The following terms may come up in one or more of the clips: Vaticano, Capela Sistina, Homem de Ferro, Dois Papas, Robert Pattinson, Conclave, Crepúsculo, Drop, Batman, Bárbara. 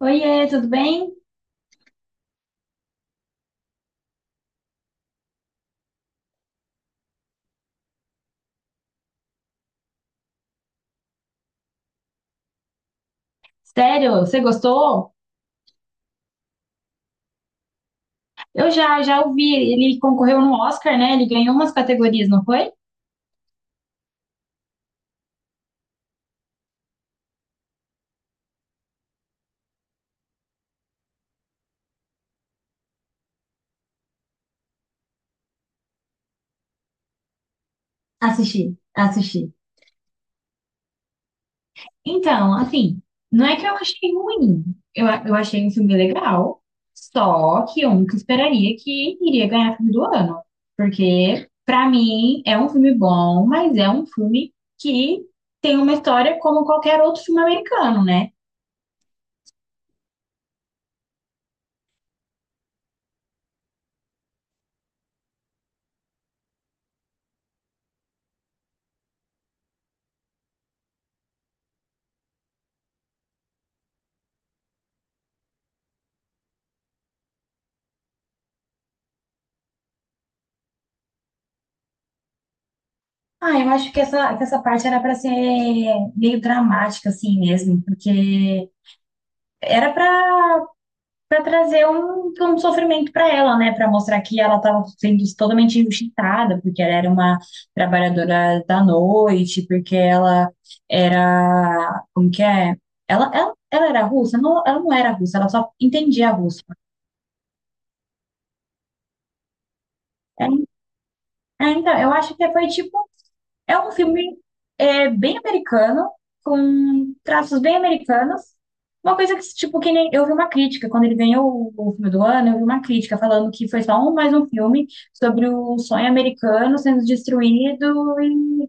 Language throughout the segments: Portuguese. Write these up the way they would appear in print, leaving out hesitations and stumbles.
Oiê, tudo bem? Sério, você gostou? Eu já ouvi, ele concorreu no Oscar, né? Ele ganhou umas categorias, não foi? Assisti, assisti. Então, assim, não é que eu achei ruim. Eu achei um filme legal, só que eu nunca esperaria que iria ganhar filme do ano. Porque, pra mim, é um filme bom, mas é um filme que tem uma história como qualquer outro filme americano, né? Ah, eu acho que que essa parte era para ser meio dramática, assim mesmo, porque era para trazer um sofrimento para ela, né? Para mostrar que ela estava sendo totalmente injustiçada, porque ela era uma trabalhadora da noite, porque ela era. Como que é? Ela era russa? Não, ela não era russa, ela só entendia russo. É, então, eu acho que foi tipo é um filme é, bem americano, com traços bem americanos. Uma coisa que, tipo, que nem eu vi uma crítica, quando ele ganhou o filme do ano, eu vi uma crítica falando que foi só um, mais um filme sobre o sonho americano sendo destruído,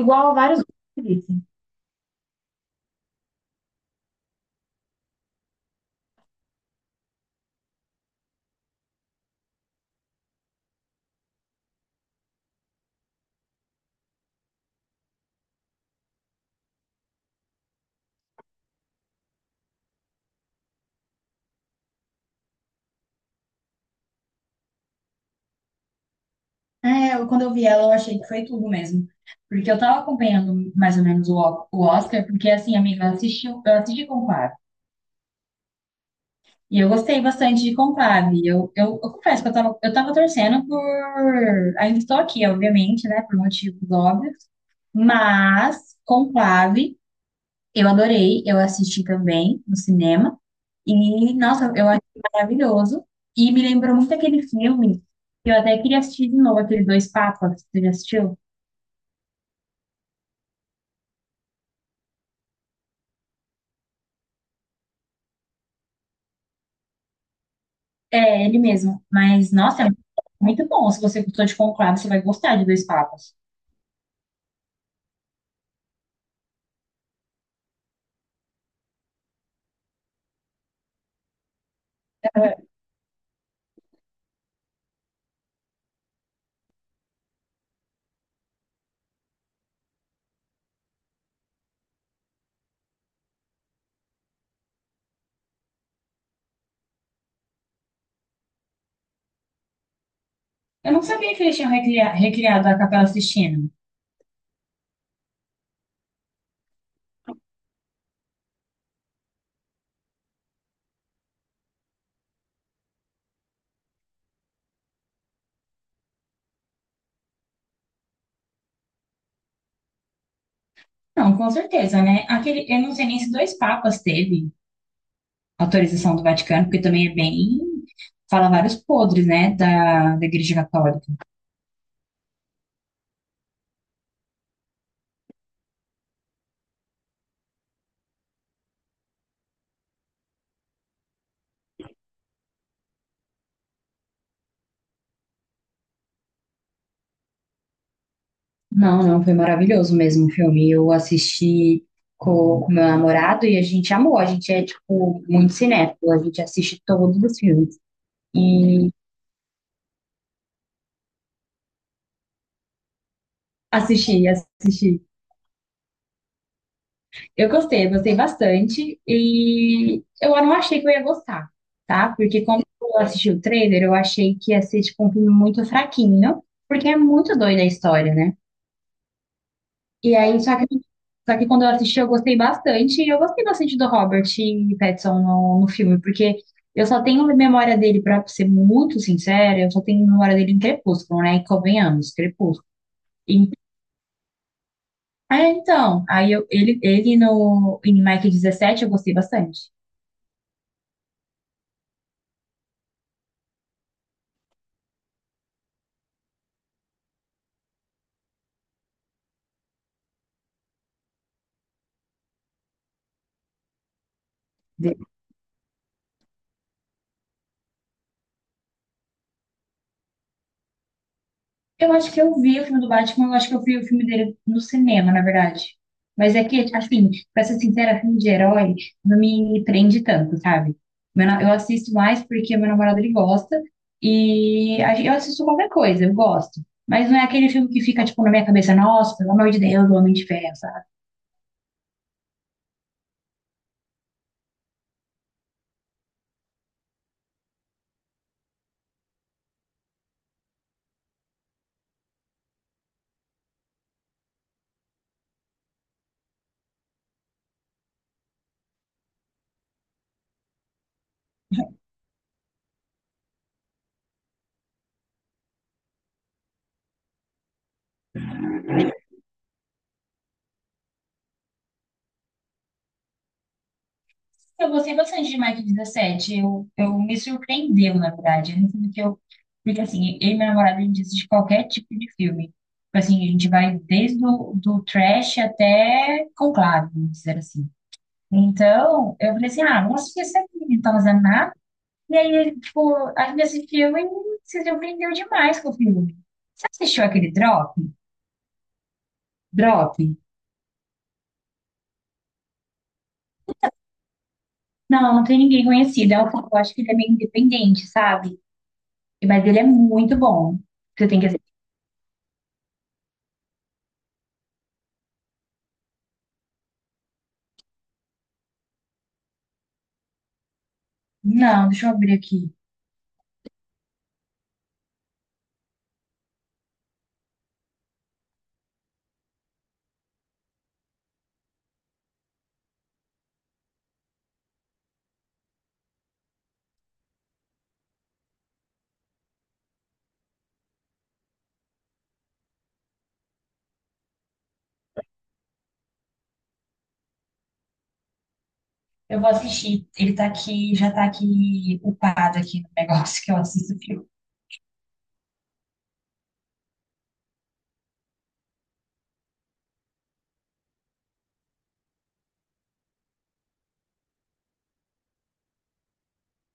igual a vários outros. Quando eu vi ela, eu achei que foi tudo mesmo. Porque eu tava acompanhando mais ou menos o Oscar, porque assim, amiga, eu assisti com o. E eu gostei bastante de Conclave. Eu confesso que eu tava torcendo por. Ainda estou aqui, obviamente, né? Por motivos óbvios. Mas Conclave, eu adorei. Eu assisti também no cinema. E, nossa, eu achei maravilhoso. E me lembrou muito aquele filme que eu até queria assistir de novo, aquele Dois Papas. Você já assistiu? É, ele mesmo. Mas, nossa, é muito bom. Se você gostou de Conclave, você vai gostar de Dois Papas. Eu não sabia que eles tinham recriado a Capela Sistina. Não, com certeza, né? Aquele, eu não sei nem se Dois Papas teve autorização do Vaticano, porque também é bem, fala vários podres, né, da Igreja Católica. Não, não, foi maravilhoso mesmo o filme. Eu assisti com o meu namorado e a gente amou. A gente é, tipo, muito cinéfilo. A gente assiste todos os filmes. E assisti, assisti. Eu gostei bastante. E eu não achei que eu ia gostar, tá? Porque quando eu assisti o trailer, eu achei que ia ser, tipo, um filme muito fraquinho, porque é muito doida a história, né? E aí, só que, só que quando eu assisti, eu gostei bastante. E eu gostei bastante do Robert Pattinson no filme, porque eu só tenho memória dele, pra ser muito sincera, eu só tenho memória dele em Crepúsculo, né? E convenhamos, Crepúsculo. E- ele no, em Mike 17 eu gostei bastante. Eu acho que eu vi o filme do Batman, eu acho que eu vi o filme dele no cinema, na verdade. Mas é que, assim, pra ser sincera, filme de herói não me prende tanto, sabe? Eu assisto mais porque meu namorado ele gosta e eu assisto qualquer coisa, eu gosto. Mas não é aquele filme que fica, tipo, na minha cabeça, nossa, pelo amor de Deus, o Homem de Ferro, sabe? Eu gostei bastante de Mike 17. Eu me surpreendeu, na verdade. Eu não que eu. Porque assim, eu e meu namorado, a gente assiste qualquer tipo de filme. Tipo assim, a gente vai desde o do trash até Conclave, vamos dizer assim. Então, eu falei assim, ah, vamos assistir esse aqui, não tá fazendo nada. E aí, tipo, a gente assistiu e se surpreendeu demais com o filme. Você assistiu aquele Drop? Drop? Não, não tem ninguém conhecido. É um, eu acho que ele é meio independente, sabe? Mas ele é muito bom. Você tem que. Não, deixa eu abrir aqui. Eu vou assistir. Ele tá aqui, já tá aqui upado aqui no negócio que eu assisto o filme.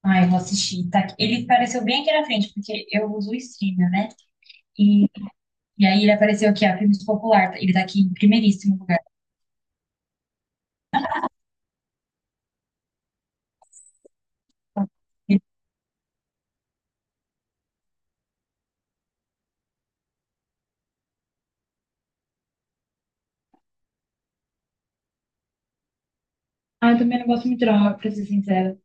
Ah, eu vou assistir. Tá aqui. Ele apareceu bem aqui na frente, porque eu uso o streamer, né? E, e aí ele apareceu aqui, ó, filmes popular. Ele tá aqui em primeiríssimo lugar. Ah, eu também não gosto muito, não, pra ser sincera.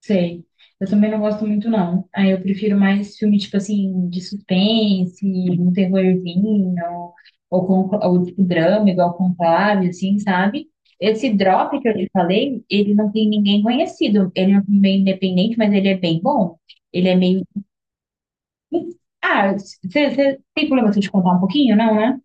Sei. Eu também não gosto muito, não. Aí eu prefiro mais filme, tipo assim, de suspense, um terrorzinho, ou tipo drama, igual Conclave, assim, sabe? Esse Drop que eu te falei, ele não tem ninguém conhecido. Ele é meio independente, mas ele é bem bom. Ele é meio. Ah, você tem problema se eu te contar um pouquinho, não, né?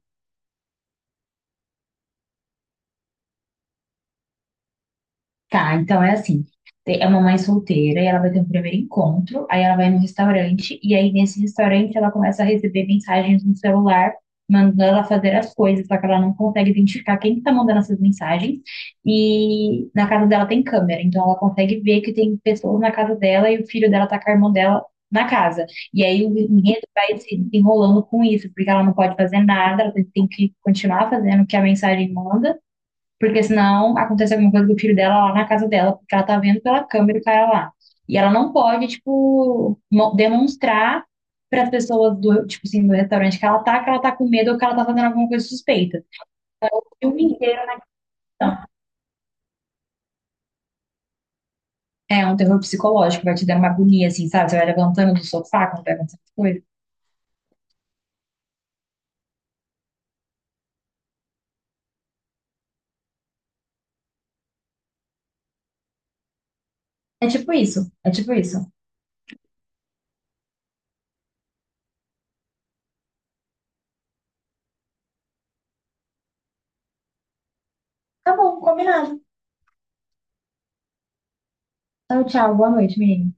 Tá, então é assim. É uma mãe solteira e ela vai ter um primeiro encontro, aí ela vai num restaurante e aí nesse restaurante ela começa a receber mensagens no celular mandando ela fazer as coisas, só que ela não consegue identificar quem está mandando essas mensagens. E na casa dela tem câmera, então ela consegue ver que tem pessoas na casa dela e o filho dela tá com a irmã dela na casa. E aí o enredo vai se desenrolando com isso, porque ela não pode fazer nada, ela tem que continuar fazendo o que a mensagem manda. Porque senão acontece alguma coisa com o filho dela lá na casa dela, porque ela tá vendo pela câmera o cara lá. E ela não pode, tipo, demonstrar para as pessoas do, tipo assim, do restaurante que ela tá com medo ou que ela tá fazendo alguma coisa suspeita. O filme inteiro né? É um terror psicológico, vai te dando uma agonia, assim, sabe? Você vai levantando do sofá quando vai acontecendo coisa. É tipo isso, é tipo isso. Tá bom, combinado. Então, tchau, boa noite, menina.